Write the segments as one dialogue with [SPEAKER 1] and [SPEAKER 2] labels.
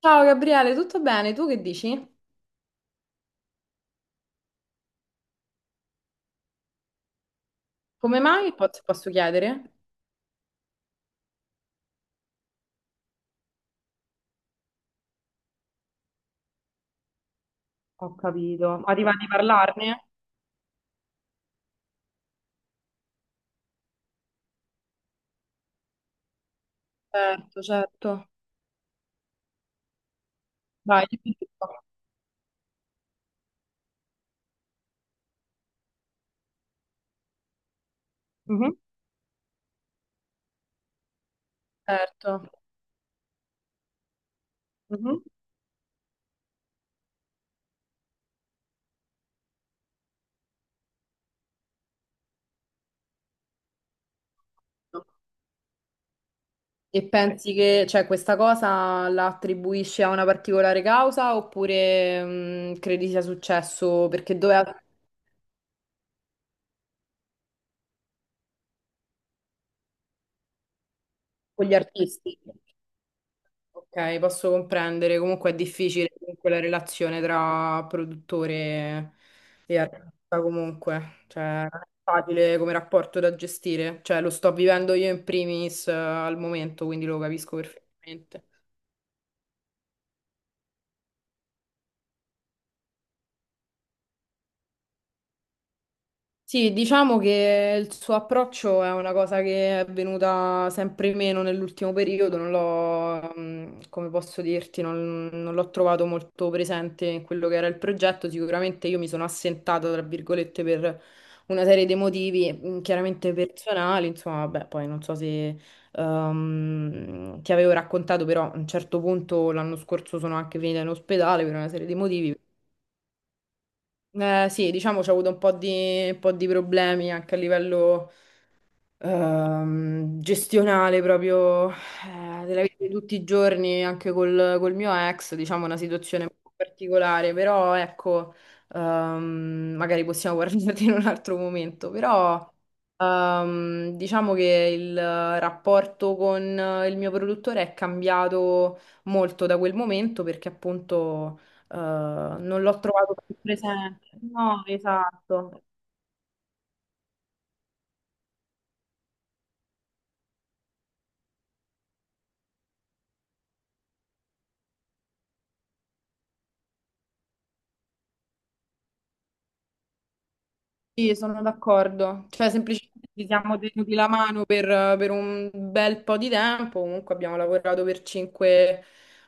[SPEAKER 1] Ciao Gabriele, tutto bene? Tu che dici? Come mai? Po- se Posso chiedere? Ho capito. Ma ti va di parlarne? Certo, certo. Vai, dimmi tutto. Mhm, certo. Mhm. E pensi che, cioè, questa cosa la attribuisci a una particolare causa oppure credi sia successo perché doveva con gli artisti? Ok, posso comprendere. Comunque è difficile comunque la relazione tra produttore e artista comunque. Cioè, non è facile come rapporto da gestire. Cioè, lo sto vivendo io in primis al momento, quindi lo capisco perfettamente. Sì, diciamo che il suo approccio è una cosa che è venuta sempre meno nell'ultimo periodo, non l'ho, come posso dirti, non l'ho trovato molto presente in quello che era il progetto. Sicuramente io mi sono assentata, tra virgolette, per una serie di motivi, chiaramente personali, insomma, beh, poi non so se ti avevo raccontato, però a un certo punto l'anno scorso sono anche finita in ospedale per una serie di motivi. Sì, diciamo, c'ho avuto un po' di problemi anche a livello, gestionale proprio della vita di tutti i giorni, anche col mio ex, diciamo una situazione un po' particolare, però ecco, magari possiamo guardarti in un altro momento, però diciamo che il rapporto con il mio produttore è cambiato molto da quel momento perché appunto non l'ho trovato più presente. No, esatto. Sì, sono d'accordo. Cioè, semplicemente ci siamo tenuti la mano per un bel po' di tempo. Comunque abbiamo lavorato per cinque,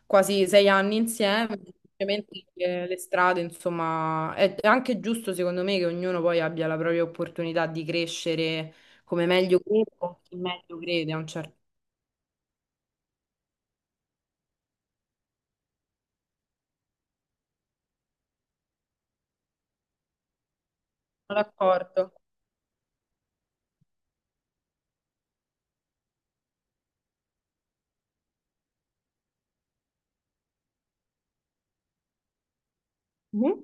[SPEAKER 1] quasi sei anni insieme. Semplicemente le strade, insomma, è anche giusto secondo me che ognuno poi abbia la propria opportunità di crescere come meglio crede o chi meglio crede a un certo punto. Sono d'accordo. Mhm.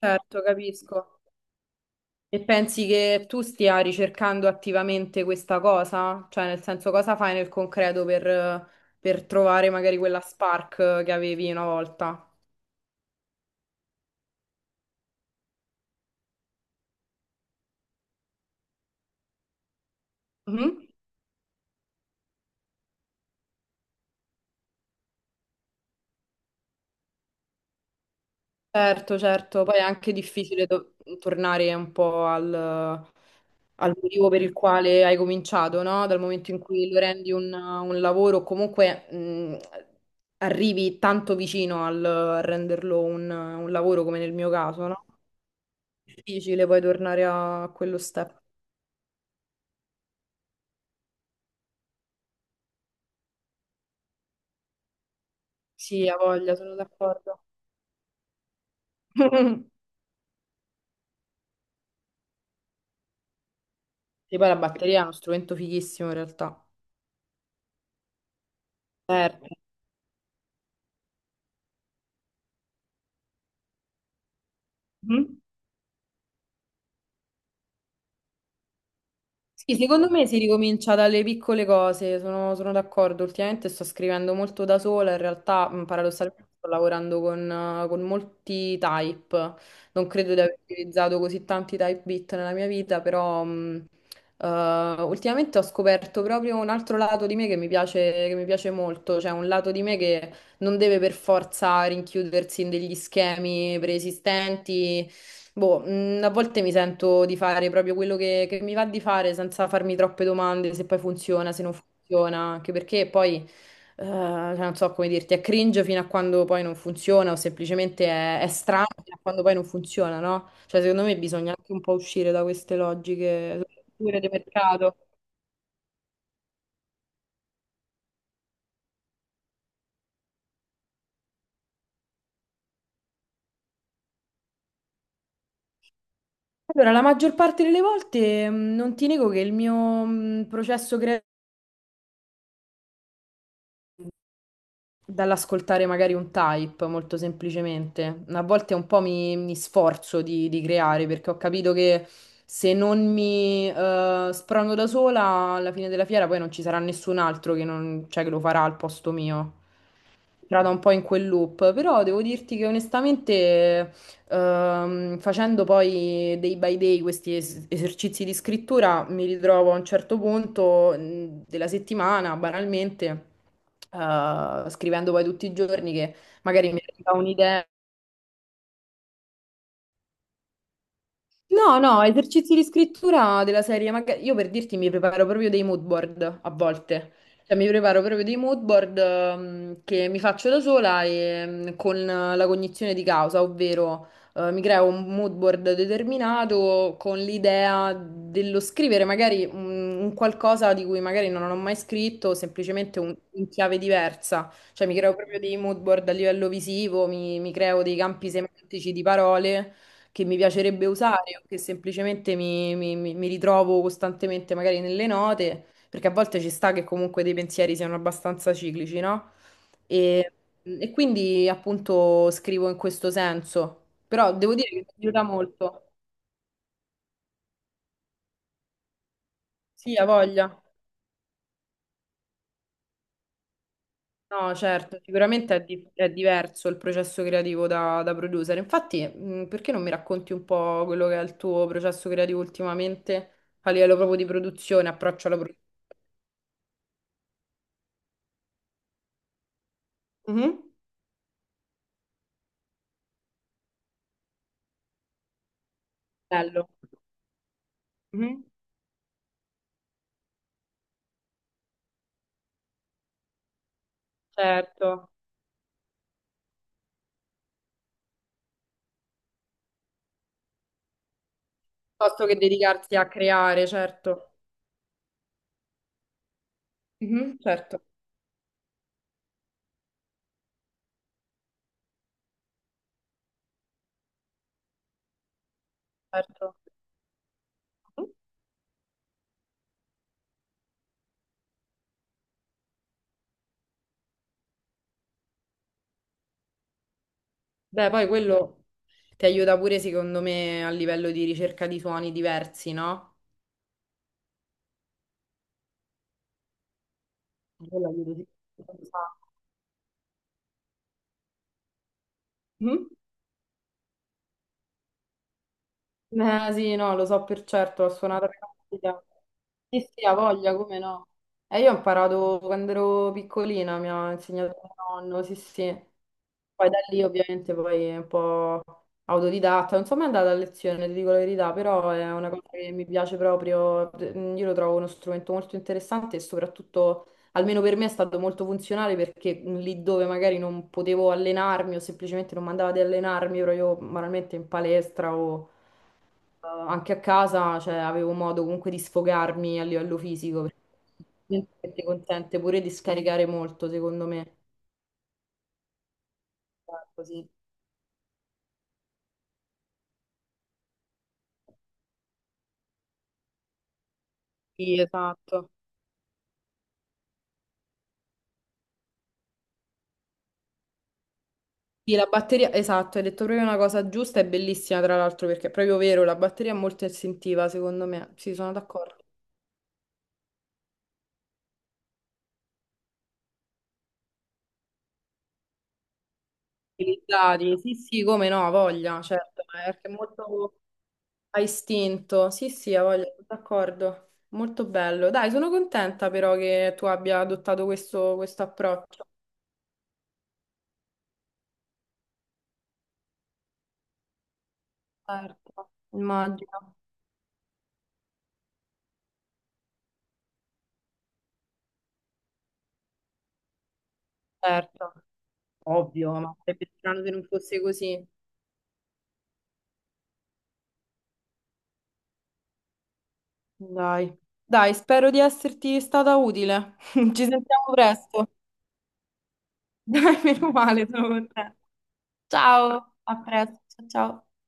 [SPEAKER 1] Certo, capisco. E pensi che tu stia ricercando attivamente questa cosa? Cioè, nel senso, cosa fai nel concreto per trovare magari quella spark che avevi una volta? Mhm. Certo, certo, poi è anche difficile tornare un po' al motivo per il quale hai cominciato, no? Dal momento in cui lo rendi un lavoro, comunque arrivi tanto vicino al a renderlo un lavoro come nel mio caso, no? Difficile poi tornare a quello step. Sì, ha voglia, sono d'accordo. Mhm. Sì, poi la batteria è uno strumento fighissimo in realtà. Certo. Mhm. Sì, secondo me si ricomincia dalle piccole cose, sono d'accordo. Ultimamente sto scrivendo molto da sola, in realtà paradossalmente sto lavorando con molti type. Non credo di aver utilizzato così tanti type bit nella mia vita, però ultimamente ho scoperto proprio un altro lato di me che mi piace molto, cioè un lato di me che non deve per forza rinchiudersi in degli schemi preesistenti. Boh, a volte mi sento di fare proprio quello che mi va di fare senza farmi troppe domande, se poi funziona, se non funziona, anche perché poi, cioè, non so come dirti, è cringe fino a quando poi non funziona o semplicemente è strano fino a quando poi non funziona, no? Cioè, secondo me bisogna anche un po' uscire da queste logiche, soprattutto di mercato. Allora, la maggior parte delle volte non ti nego che il mio processo creativo dall'ascoltare magari un type, molto semplicemente. A volte un po' mi sforzo di creare perché ho capito che se non mi sprono da sola, alla fine della fiera poi non ci sarà nessun altro che, cioè, che lo farà al posto mio entrata un po' in quel loop, però devo dirti che onestamente, facendo poi day by day questi esercizi di scrittura, mi ritrovo a un certo punto della settimana, banalmente, scrivendo poi tutti i giorni che magari mi arriva un'idea. No, no, esercizi di scrittura della serie. Io per dirti mi preparo proprio dei mood board a volte. Cioè, mi preparo proprio dei mood board che mi faccio da sola e con la cognizione di causa, ovvero mi creo un mood board determinato con l'idea dello scrivere magari un qualcosa di cui magari non ho mai scritto, semplicemente in chiave diversa. Cioè, mi creo proprio dei mood board a livello visivo, mi- creo dei campi semantici di parole che mi piacerebbe usare o che semplicemente mi ritrovo costantemente magari nelle note, perché a volte ci sta che comunque dei pensieri siano abbastanza ciclici, no? E, e quindi appunto scrivo in questo senso, però devo dire che mi aiuta molto. Sì, ha voglia. No, certo, sicuramente è diverso il processo creativo da producer. Infatti, perché non mi racconti un po' quello che è il tuo processo creativo ultimamente a livello proprio di produzione, approccio alla produzione? Mhm. Bello. Mhm. Certo, piuttosto che dedicarsi a creare, certo. Mhm, certo. Certo. Mhm. Beh, poi quello ti aiuta pure, secondo me, a livello di ricerca di suoni diversi, no? Quello aiuta sicuramente un sacco. Mhm. Sì, no, lo so per certo, ho suonato a cattedra. Sì, sì, ha voglia, come no? E io ho imparato quando ero piccolina, mi ha insegnato mio nonno, sì, sì. Poi da lì ovviamente poi è un po' autodidatta, non sono mai andata a lezione, ti dico la verità, però è una cosa che mi piace proprio. Io lo trovo uno strumento molto interessante e soprattutto, almeno per me, è stato molto funzionale perché lì dove magari non potevo allenarmi o semplicemente non mandava di allenarmi, ero io banalmente in palestra o anche a casa, cioè, avevo modo comunque di sfogarmi a livello fisico, perché ti consente pure di scaricare molto, secondo me. Esatto, sì. Sì, esatto. Sì, la batteria, esatto, hai detto proprio una cosa giusta, è bellissima tra l'altro perché è proprio vero, la batteria è molto istintiva, secondo me, sì, sono d'accordo. Utilizzati, sì, sì, come no, ha voglia, certo, ma è perché è molto a istinto, sì, sì, ha voglia, sono d'accordo, molto bello. Dai, sono contenta però che tu abbia adottato questo approccio. Certo, immagino, certo, ovvio, ma sarebbe strano se non fosse così. Dai, dai, spero di esserti stata utile. Ci sentiamo presto. Dai, meno male, sono contenta. Ciao, a presto, ciao. Ciao.